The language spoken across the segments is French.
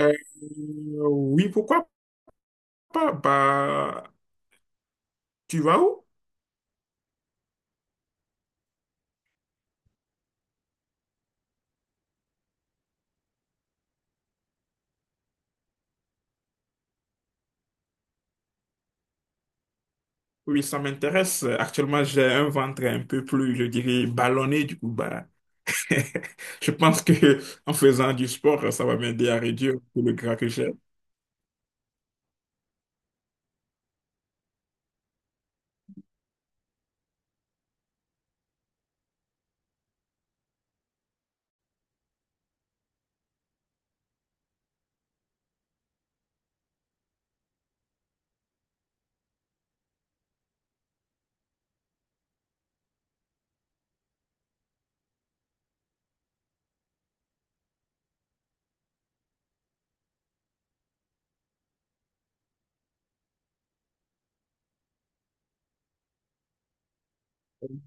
Euh, oui, pourquoi pas? Bah, tu vas où? Oui, ça m'intéresse. Actuellement, j'ai un ventre un peu plus, je dirais, ballonné. Du coup, bah, je pense que en faisant du sport, ça va m'aider à réduire tout le gras que j'ai.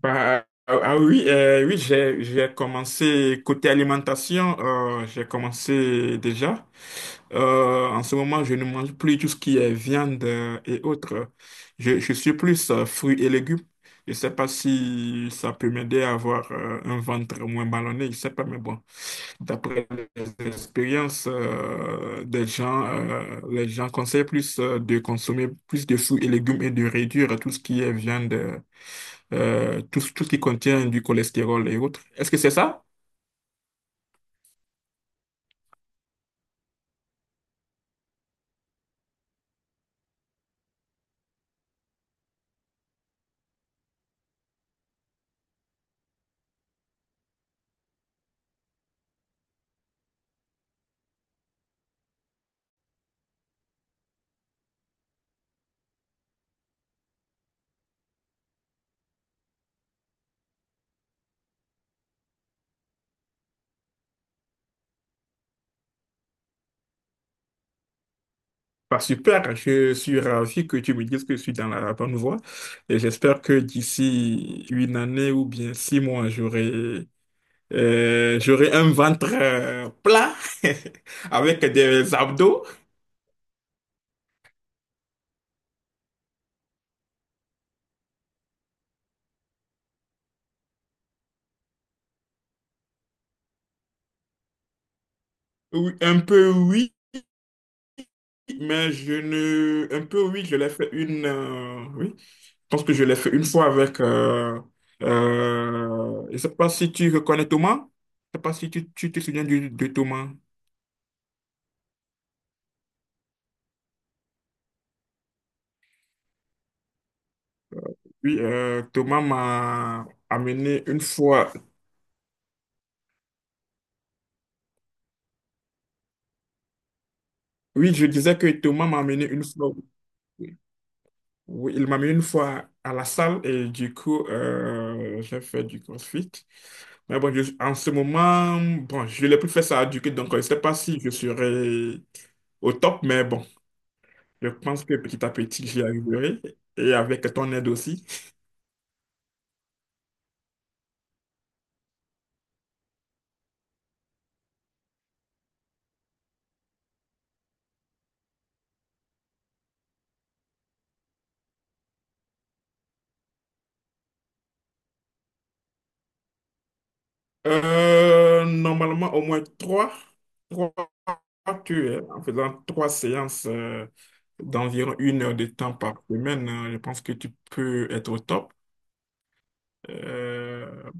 Bah, ah, ah oui, oui, j'ai commencé côté alimentation, j'ai commencé déjà. En ce moment, je ne mange plus tout ce qui est viande, et autres. Je suis plus fruits et légumes. Je sais pas si ça peut m'aider à avoir un ventre moins ballonné, je sais pas, mais bon, d'après les expériences des gens, les gens conseillent plus de consommer plus de fruits et légumes et de réduire tout ce qui est viande. Tout ce qui contient du cholestérol et autres. Est-ce que c'est ça? Bah, super, je suis ravi que tu me dises que je suis dans la bonne voie et j'espère que d'ici 1 année ou bien 6 mois, j'aurais un ventre plat avec des abdos. Oui, un peu oui, mais je ne... un peu oui, je l'ai fait une... oui, je pense que je l'ai fait une fois je ne sais pas si tu reconnais Thomas. Je ne sais pas si tu te souviens de Thomas. Oui, Thomas m'a amené une fois. Oui, je disais que Thomas m'a amené une fois. Oui, il m'a mis une fois à la salle et du coup, j'ai fait du CrossFit. Mais bon, en ce moment, bon, je n'ai plus fait ça du coup, donc je ne sais pas si je serai au top, mais bon, je pense que petit à petit, j'y arriverai. Et avec ton aide aussi. Normalement, au moins trois, tu es en faisant 3 séances, d'environ 1 heure de temps par semaine, je pense que tu peux être au top. Euh,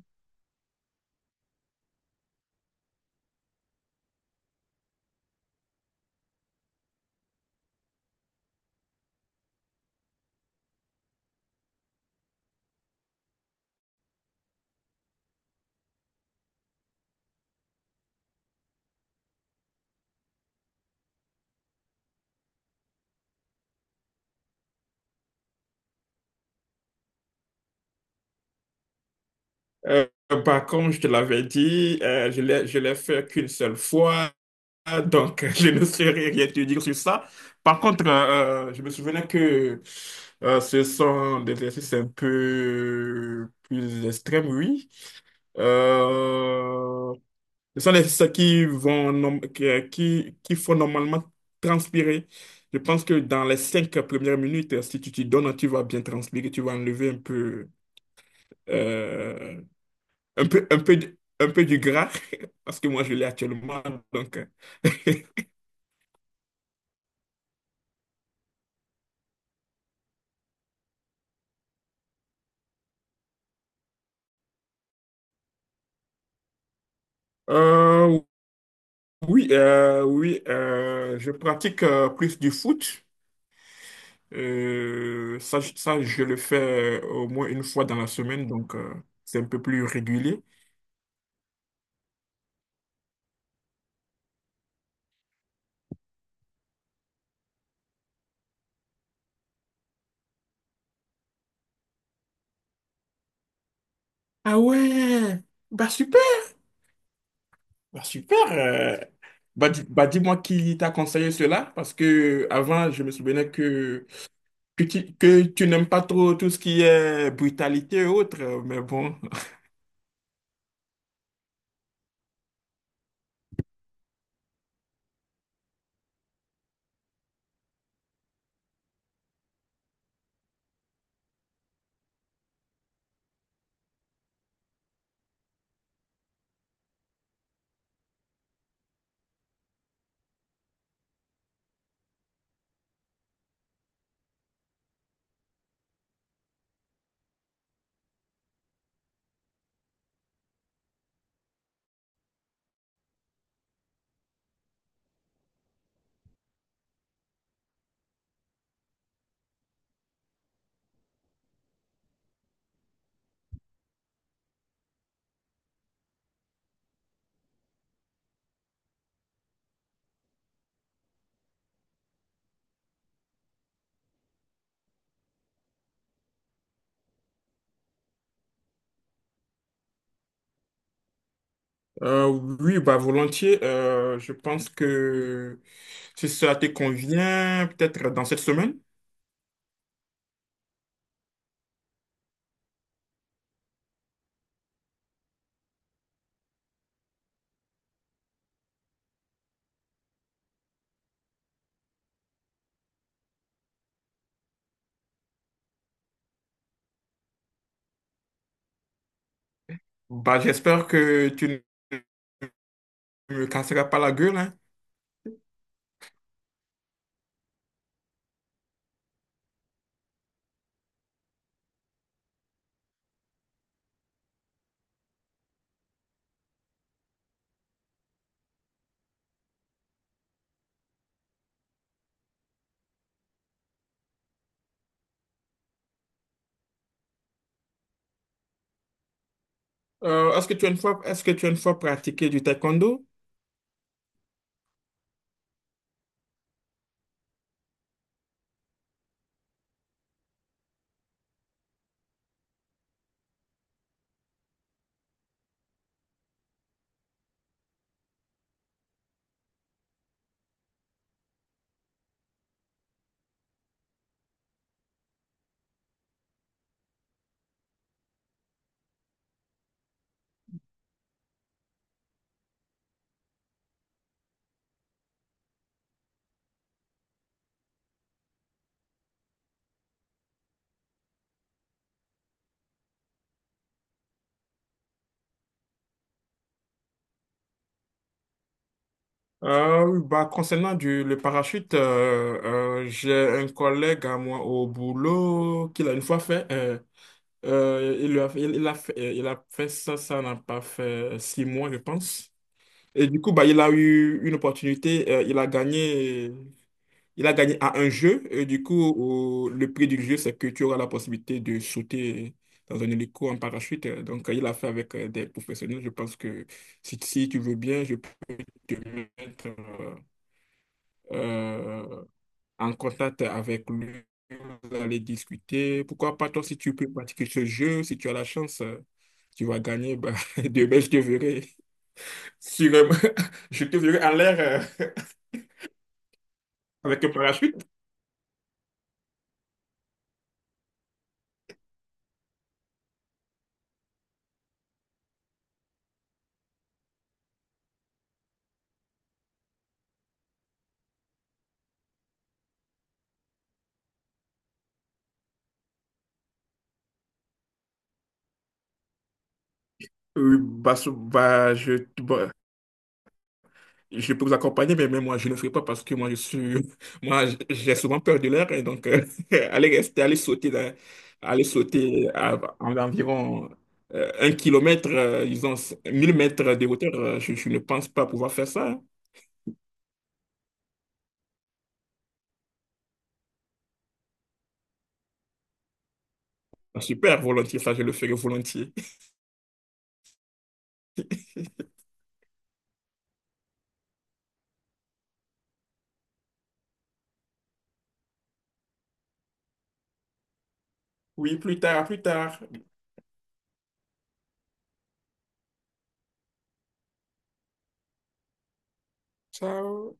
Euh, Par contre, je te l'avais dit, je l'ai fait qu'une seule fois, donc je ne saurais rien te dire sur ça. Par contre, je me souvenais que ce sont des exercices un peu plus extrêmes, oui. Euh, Ce sont des exercices qui qui font normalement transpirer. Je pense que dans les 5 premières minutes, si tu t'y donnes, tu vas bien transpirer, tu vas enlever euh, un peu du gras, parce que moi je l'ai actuellement. Donc, euh, oui, oui, je pratique plus du foot. Ça, je le fais au moins une fois dans la semaine, donc c'est un peu plus régulier. Ah ouais, bah super, bah super. Bah dis-moi qui t'a conseillé cela, parce que avant je me souvenais que tu n'aimes pas trop tout ce qui est brutalité et autres, mais bon. Euh, oui, bah volontiers. Je pense que si ça te convient, peut-être dans cette semaine. Bah j'espère que tu ne me casseras pas la gueule, hein. Est-ce que tu as une fois pratiqué du taekwondo? Oui, bah, concernant le parachute, j'ai un collègue à moi au boulot qui l'a une fois fait. Il il a fait ça, ça n'a pas fait 6 mois, je pense. Et du coup, bah, il a eu une opportunité. Il a gagné à un jeu. Et du coup, le prix du jeu, c'est que tu auras la possibilité de sauter dans un hélico en parachute. Donc, il a fait avec des professionnels. Je pense que si tu veux bien, je peux te mettre euh, en contact avec lui, vous allez discuter. Pourquoi pas toi, si tu peux pratiquer ce jeu, si tu as la chance, tu vas gagner. Bah, demain, je te verrai sur, un- je te verrai en l'air, avec un parachute. Oui, bah, bah, je peux vous accompagner, mais même moi, je ne ferai pas parce que moi, moi, j'ai souvent peur de l'air. Et donc, aller rester, aller sauter, dans- aller sauter à environ 1 kilomètre, disons, 1 000 mètres de hauteur, je ne pense pas pouvoir faire ça, hein. Ah, super, volontiers, ça, je le ferai volontiers. Oui, plus tard, à plus tard. Ciao.